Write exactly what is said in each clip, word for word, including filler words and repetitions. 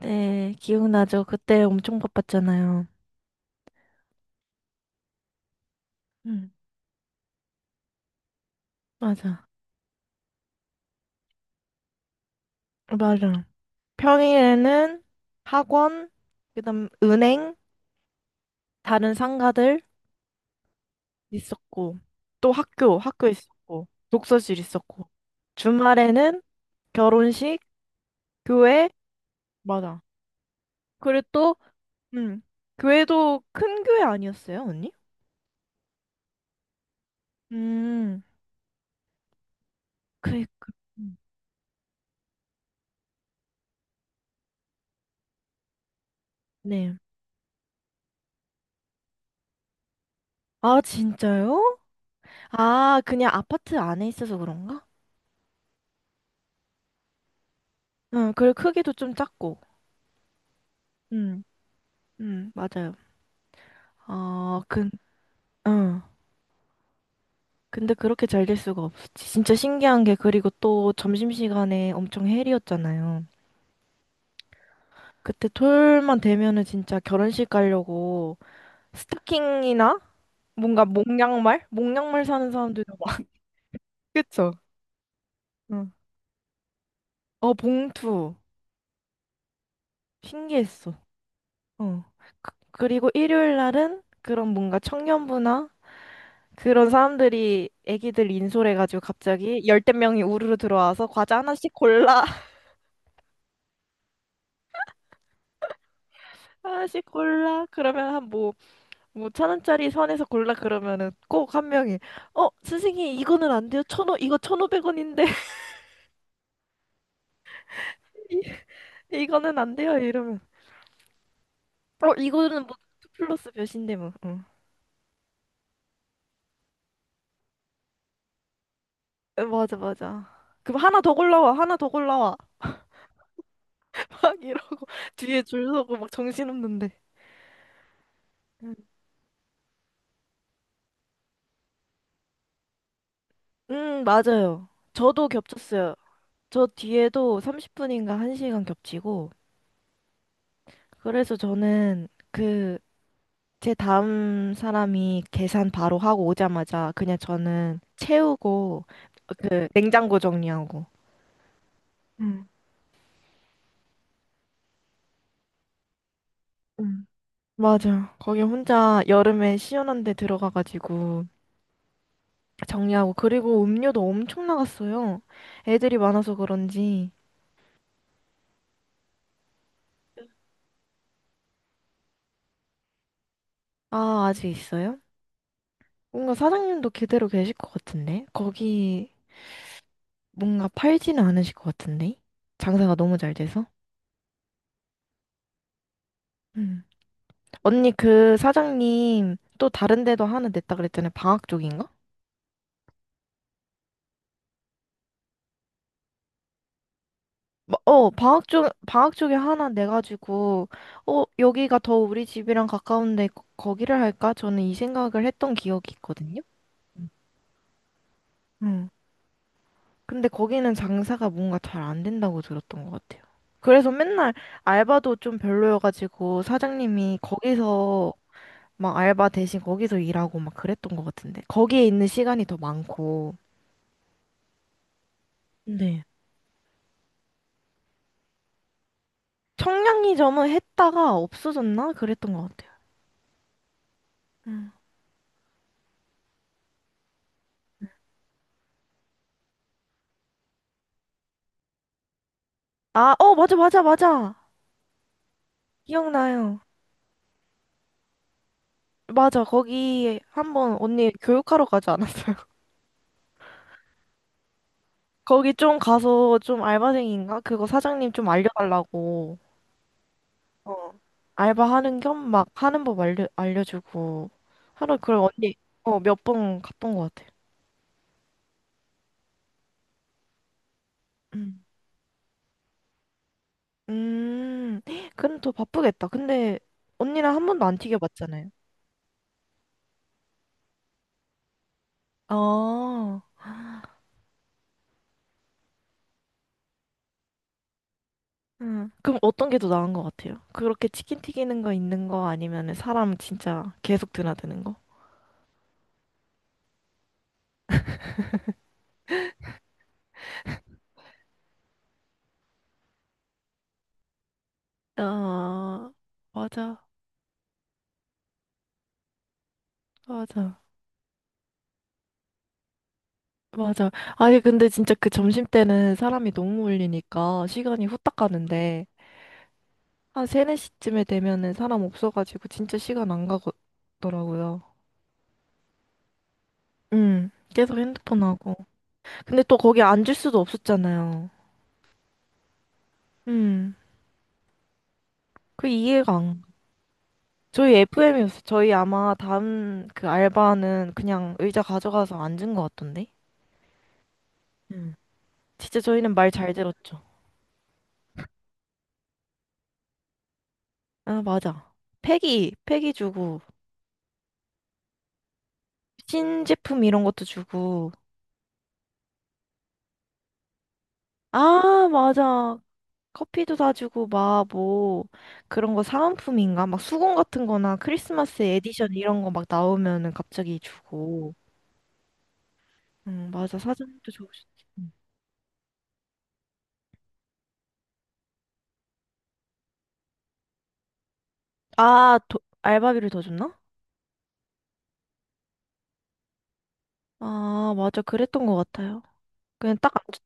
네, 기억나죠? 그때 엄청 바빴잖아요. 음. 맞아, 맞아. 평일에는 학원, 그다음 은행, 다른 상가들 있었고, 또 학교, 학교 있었고, 독서실 있었고, 주말에는 결혼식, 교회, 맞아. 그리고 또, 음, 교회도 큰 교회 아니었어요, 언니? 음. 그, 그, 음, 네. 아, 진짜요? 아, 그냥 아파트 안에 있어서 그런가? 응, 그리고 크기도 좀 작고. 응, 응 맞아요. 어, 근, 응. 근데 그렇게 잘 될 수가 없었지. 진짜 신기한 게, 그리고 또 점심시간에 엄청 헬이었잖아요. 그때 토요일만 되면은 진짜 결혼식 가려고 스타킹이나 뭔가 목양말? 목양말 사는 사람들도 막, 그쵸? 응. 어, 봉투. 신기했어. 어. 그, 그리고 일요일 날은 그런 뭔가 청년부나 그런 사람들이 애기들 인솔해가지고 갑자기 열댓 명이 우르르 들어와서 과자 하나씩 골라 하나씩 골라 그러면 한 뭐 뭐 천 원짜리 선에서 골라 그러면은 꼭 한 명이 어 선생님 이거는 안 돼요 천오 이거 천오백 원인데 이- 이거는 안 돼요 이러면 어 이거는 뭐 투 플러스 몇인데 뭐 응. 에, 맞아 맞아 그럼 하나 더 골라와 하나 더 골라와 막 이러고 뒤에 줄 서고 막 정신없는데 음, 음 맞아요 저도 겹쳤어요 저 뒤에도 삼십 분인가 한 시간 겹치고, 그래서 저는 그, 제 다음 사람이 계산 바로 하고 오자마자 그냥 저는 채우고, 그, 냉장고 정리하고. 응, 응 맞아. 거기 혼자 여름에 시원한 데 들어가가지고 정리하고, 그리고 음료도 엄청 나갔어요. 애들이 많아서 그런지. 아, 아직 있어요? 뭔가 사장님도 그대로 계실 것 같은데? 거기 뭔가 팔지는 않으실 것 같은데? 장사가 너무 잘 돼서? 음. 언니, 그 사장님 또 다른 데도 하나 냈다 그랬잖아요. 방학 쪽인가? 마- 어, 방학 쪽, 방학 쪽에 하나 내가지고, 어, 여기가 더 우리 집이랑 가까운데 거- 거기를 할까? 저는 이 생각을 했던 기억이 있거든요. 응. 근데 거기는 장사가 뭔가 잘 안 된다고 들었던 것 같아요. 그래서 맨날 알바도 좀 별로여가지고 사장님이 거기서 막 알바 대신 거기서 일하고 막 그랬던 것 같은데. 거기에 있는 시간이 더 많고. 네. 청량리점은 했다가 없어졌나? 그랬던 것 같아요. 아, 어, 맞아, 맞아, 맞아. 기억나요. 맞아, 거기 한번 언니 교육하러 가지 않았어요? 거기 좀 가서 좀 알바생인가? 그거 사장님 좀 알려달라고. 어. 알바하는 겸 막 하는 법 알려, 알려주고. 하러 그걸 언니, 어, 몇 번 갔던 것 같아요. 음. 음, 그럼 더 바쁘겠다. 근데 언니랑 한 번도 안 튀겨봤잖아요. 아, 음. 그럼 어떤 게 더 나은 것 같아요? 그렇게 치킨 튀기는 거 있는 거 아니면 사람 진짜 계속 드나드는 거? 아, 맞아, 맞아, 맞아. 아니, 근데 진짜 그 점심 때는 사람이 너무 몰리니까 시간이 후딱 가는데, 한 세네 시쯤에 되면은 사람 없어가지고 진짜 시간 안 가더라고요. 음, 계속 핸드폰 하고. 근데 또 거기 앉을 수도 없었잖아요. 음, 그 이해가 안. 저희 에프엠이었어. 저희 아마 다음 그 알바는 그냥 의자 가져가서 앉은 것 같던데? 음. 진짜 저희는 말 잘 들었죠. 아, 맞아. 폐기, 폐기 주고, 신제품 이런 것도 주고. 아, 맞아. 커피도 다 주고, 막 뭐, 그런 거 사은품인가? 막 수건 같은 거나 크리스마스 에디션 이런 거 막 나오면은 갑자기 주고. 응, 맞아. 사장님도 좋으셨지. 음. 아, 도, 알바비를 더 줬나? 아, 맞아. 그랬던 것 같아요. 그냥 딱, 앉-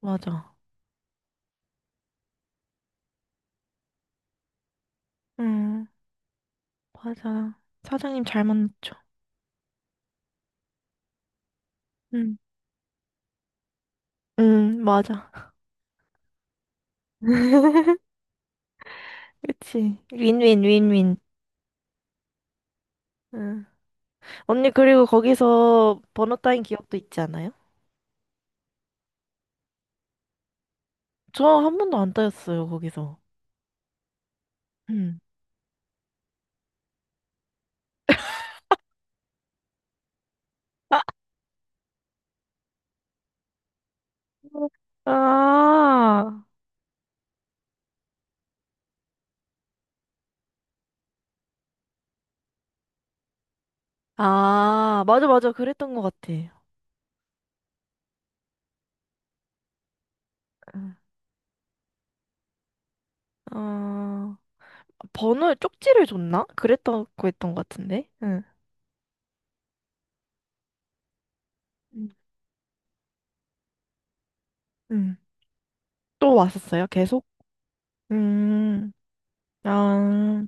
맞아. 음, 맞아. 사장님 잘 만났죠. 음, 음, 맞아. 그치. 윈윈, 윈윈. 음. 언니, 그리고 거기서 번호 따인 기억도 있지 않아요? 저 한 번도 안 따였어요, 거기서. 음. 아, 아, 맞아, 맞아. 그랬던 것 같아. 응. 어, 번호 쪽지를 줬나? 그랬다고 했던 것 같은데. 응. 응. 응. 또 왔었어요, 계속? 음. 아,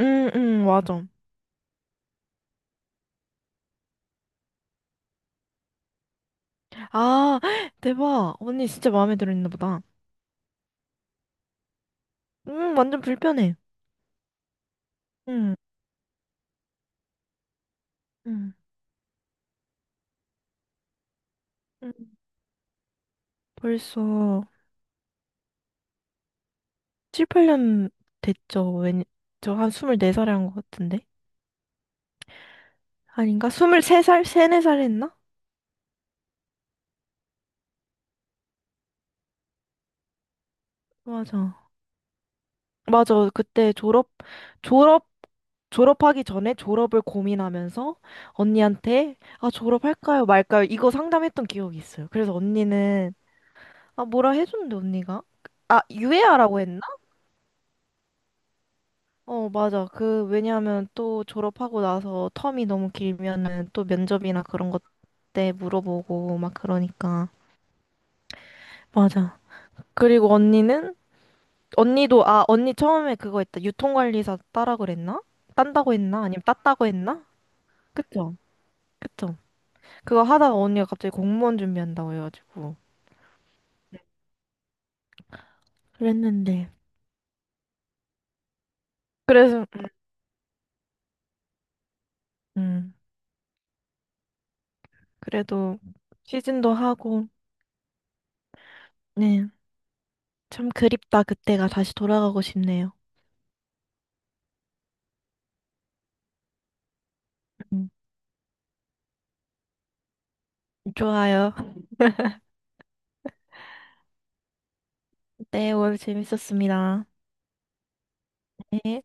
응, 응, 맞아. 아, 대박. 언니 진짜 마음에 들었나 보다. 음, 완전 불편해. 응, 응, 응. 벌써 칠, 팔 년 됐죠. 왠, 저한 스물네 살에 한 것 같은데? 아닌가? 스물세 살? 세, 네 살 했나? 맞아. 맞아. 그때 졸업, 졸업, 졸업하기 전에 졸업을 고민하면서 언니한테, 아, 졸업할까요? 말까요? 이거 상담했던 기억이 있어요. 그래서 언니는 아, 뭐라 해줬는데, 언니가? 아, 유예하라고 했나? 어, 맞아. 그, 왜냐하면 또 졸업하고 나서 텀이 너무 길면은 또 면접이나 그런 것 때 물어보고 막 그러니까. 맞아. 그리고 언니는? 언니도, 아, 언니 처음에 그거 했다. 유통관리사 따라 그랬나? 딴다고 했나? 아니면 땄다고 했나? 그쵸? 그쵸? 그거 하다가 언니가 갑자기 공무원 준비한다고 해가지고. 그랬는데. 그래서, 음, 그래도 시즌도 하고, 네. 참 그립다. 그때가 다시 돌아가고 싶네요. 음. 좋아요. 네, 오늘 재밌었습니다. 네.